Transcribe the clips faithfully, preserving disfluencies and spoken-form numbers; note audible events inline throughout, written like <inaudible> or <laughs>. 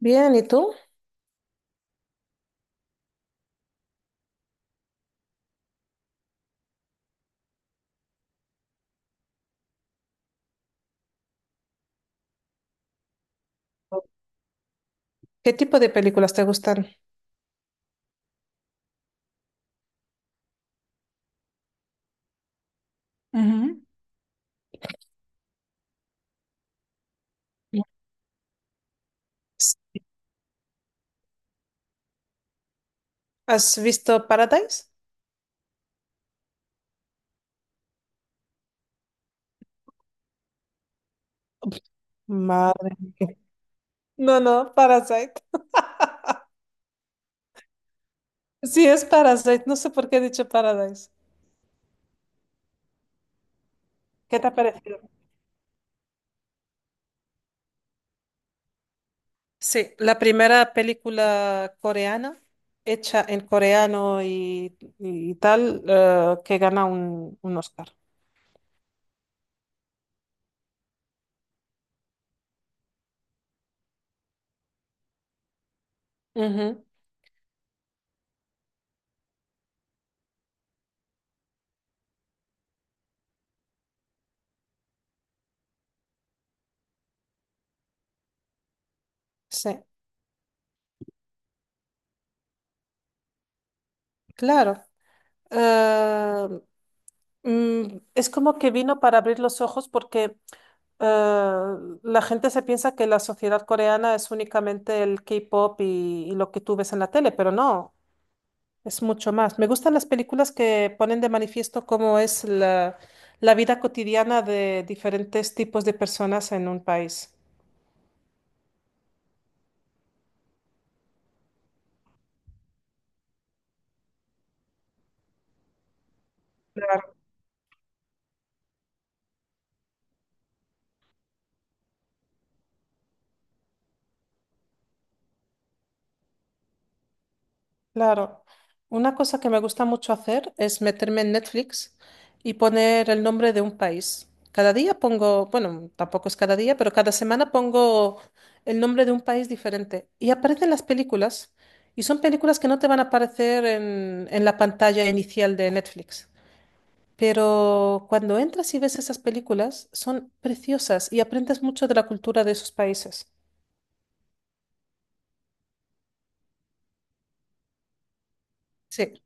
Bien, ¿y tú? ¿Qué tipo de películas te gustan? Ujú. S- ¿Has visto Paradise? Madre mía. No, no, Parasite. Sí, es Parasite. No sé por qué he dicho Paradise. ¿Qué te ha parecido? Sí, la primera película coreana hecha en coreano y, y tal eh, que gana un, un Oscar. Ujú. Sí, claro. Eh, mm, es como que vino para abrir los ojos porque eh, la gente se piensa que la sociedad coreana es únicamente el K-pop y, y lo que tú ves en la tele, pero no, es mucho más. Me gustan las películas que ponen de manifiesto cómo es la, la vida cotidiana de diferentes tipos de personas en un país. Claro, una cosa que me gusta mucho hacer es meterme en Netflix y poner el nombre de un país. Cada día pongo, bueno, tampoco es cada día, pero cada semana pongo el nombre de un país diferente. Y aparecen las películas, y son películas que no te van a aparecer en, en la pantalla inicial de Netflix. Pero cuando entras y ves esas películas, son preciosas y aprendes mucho de la cultura de esos países. Sí,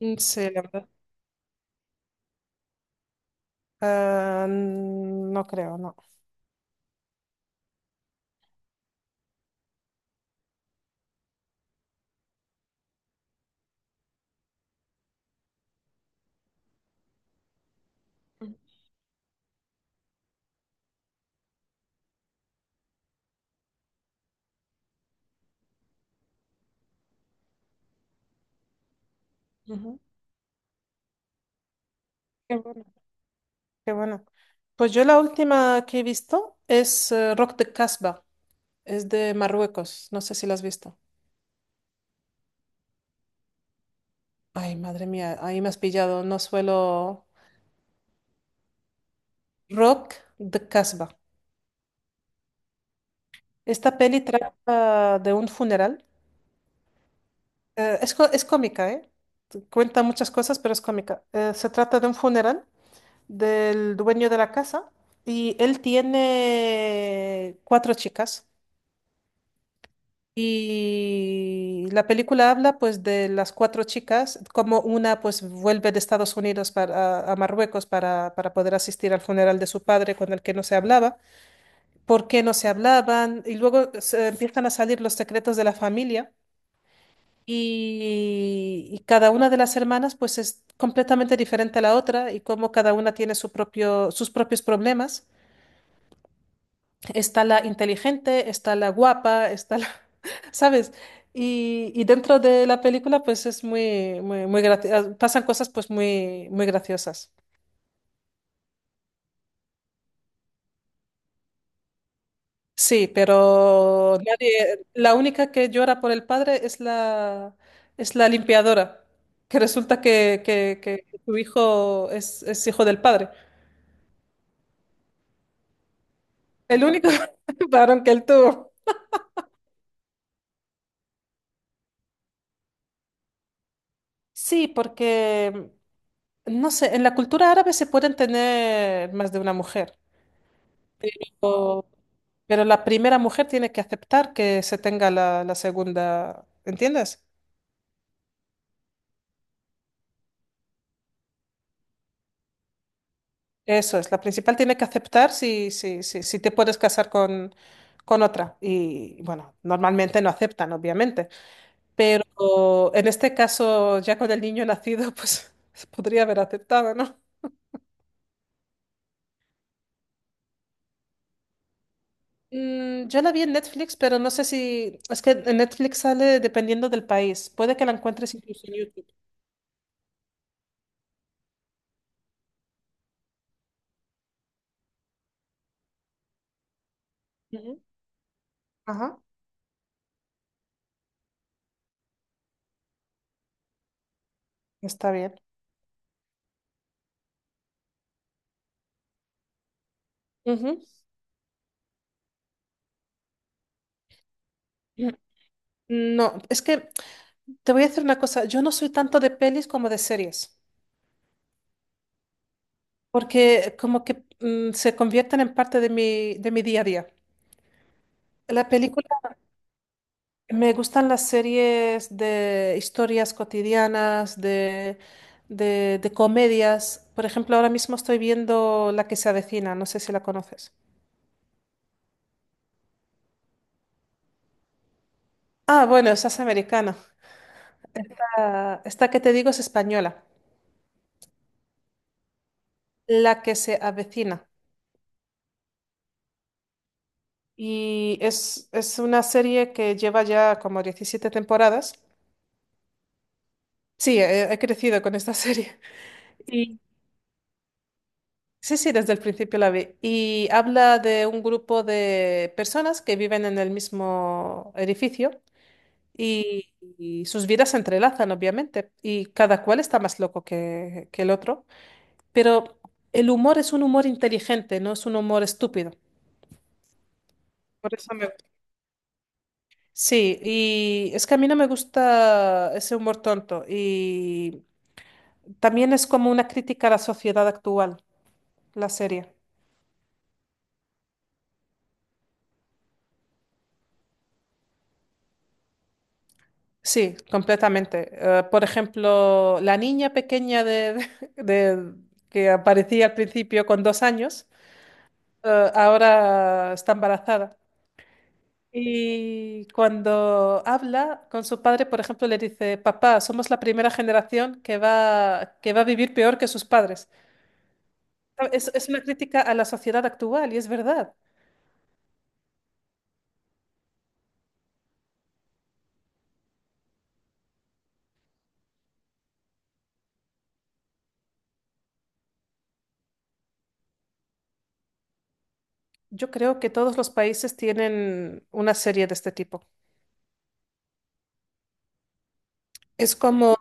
mm, sí, la verdad. Ah, no creo, no. Ujú. Qué bueno, qué bueno. Pues yo la última que he visto es eh, Rock de Casbah, es de Marruecos, no sé si la has visto. Ay, madre mía, ahí me has pillado, no suelo... Rock de Casbah. Esta peli trata de un funeral. Eh, es, co- es cómica, ¿eh? Cuenta muchas cosas, pero es cómica. Eh, se trata de un funeral del dueño de la casa y él tiene cuatro chicas. Y la película habla pues de las cuatro chicas, como una pues vuelve de Estados Unidos para, a a Marruecos para, para poder asistir al funeral de su padre con el que no se hablaba, por qué no se hablaban, y luego se empiezan a salir los secretos de la familia y, y cada una de las hermanas pues es completamente diferente a la otra y cómo cada una tiene su propio, sus propios problemas. Está la inteligente, está la guapa, está la, <laughs> ¿sabes? Y, y dentro de la película, pues es muy, muy, muy gracia- pasan cosas pues muy, muy graciosas. Sí, pero nadie- la única que llora por el padre es la, es la limpiadora, que resulta que, que, que su hijo es, es hijo del padre. El único <laughs> varón que él tuvo. Sí, porque, no sé, en la cultura árabe se pueden tener más de una mujer. Pero la primera mujer tiene que aceptar que se tenga la, la segunda, ¿entiendes? Eso es, la principal tiene que aceptar si, si, si, si te puedes casar con, con otra. Y bueno, normalmente no aceptan, obviamente. Pero en este caso, ya con el niño nacido, pues <laughs> podría haber aceptado, ¿no? Mm, yo la vi en Netflix, pero no sé si... Es que en Netflix sale dependiendo del país. Puede que la encuentres incluso en YouTube. Ujú. Ajá, está bien. Ujú. No, es que Te voy a decir una cosa, yo no soy tanto de pelis como de series, porque como que mm, se convierten en parte de mi, de mi día a día. La película, Me gustan las series de historias cotidianas, de, de, de comedias. Por ejemplo, ahora mismo estoy viendo La que se avecina, no sé si la conoces. Ah, bueno, esa es americana. Esta, esta que te digo es española. La que se avecina. Y es, es una serie que lleva ya como diecisiete temporadas. Sí, he, he crecido con esta <laughs> serie. Y sí, sí, desde el principio la vi. Y habla de un grupo de personas que viven en el mismo edificio y, y sus vidas se entrelazan, obviamente, y cada cual está más loco que, que el otro. Pero el humor es un humor inteligente, no es un humor estúpido. Por eso me... Sí, y es que a mí no me gusta ese humor tonto. Y también es como una crítica a la sociedad actual, la serie. Sí, completamente. Eh, por ejemplo, la niña pequeña de, <laughs> de- que aparecía al principio con dos años, eh, ahora está embarazada. Y cuando habla con su padre, por ejemplo, le dice, papá, somos la primera generación que va, que va a vivir peor que sus padres. Ah, Es, es una crítica a la sociedad actual y es verdad. Yo creo que todos los países tienen una serie de este tipo. Es como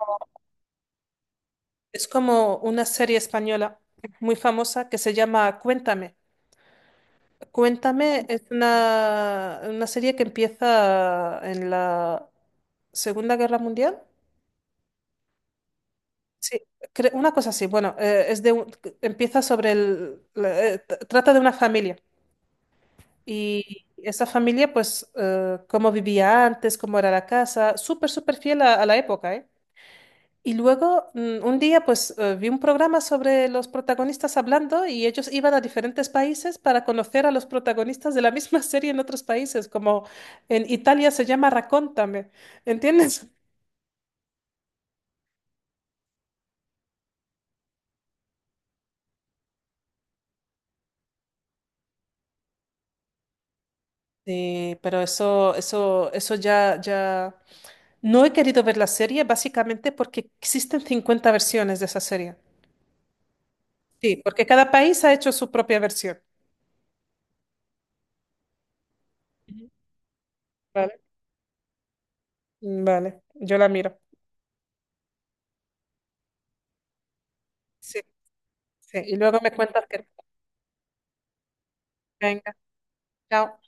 Es como una serie española muy famosa que se llama Cuéntame. Cuéntame es una, una serie que empieza en la Segunda Guerra Mundial. Sí, cre- una cosa así. Bueno, eh, es de un- empieza sobre el, la- eh, t- trata de una familia y esa familia, pues, eh, cómo vivía antes, cómo era la casa, súper, súper fiel a, a la época, ¿eh? Y luego, mm, un día, pues eh, vi un programa sobre los protagonistas hablando y ellos iban a diferentes países para conocer a los protagonistas de la misma <laughs> serie en otros países, como en Italia se llama Raccontame, ¿entiendes? Sí, pero eso, eso, eso ya, ya... No he querido ver la serie básicamente porque existen cincuenta versiones de esa serie. Sí, porque cada país ha hecho su propia versión. Ujú. Vale, vale, yo la miro. Sí, sí. Y luego me cuentas que... Venga, chao.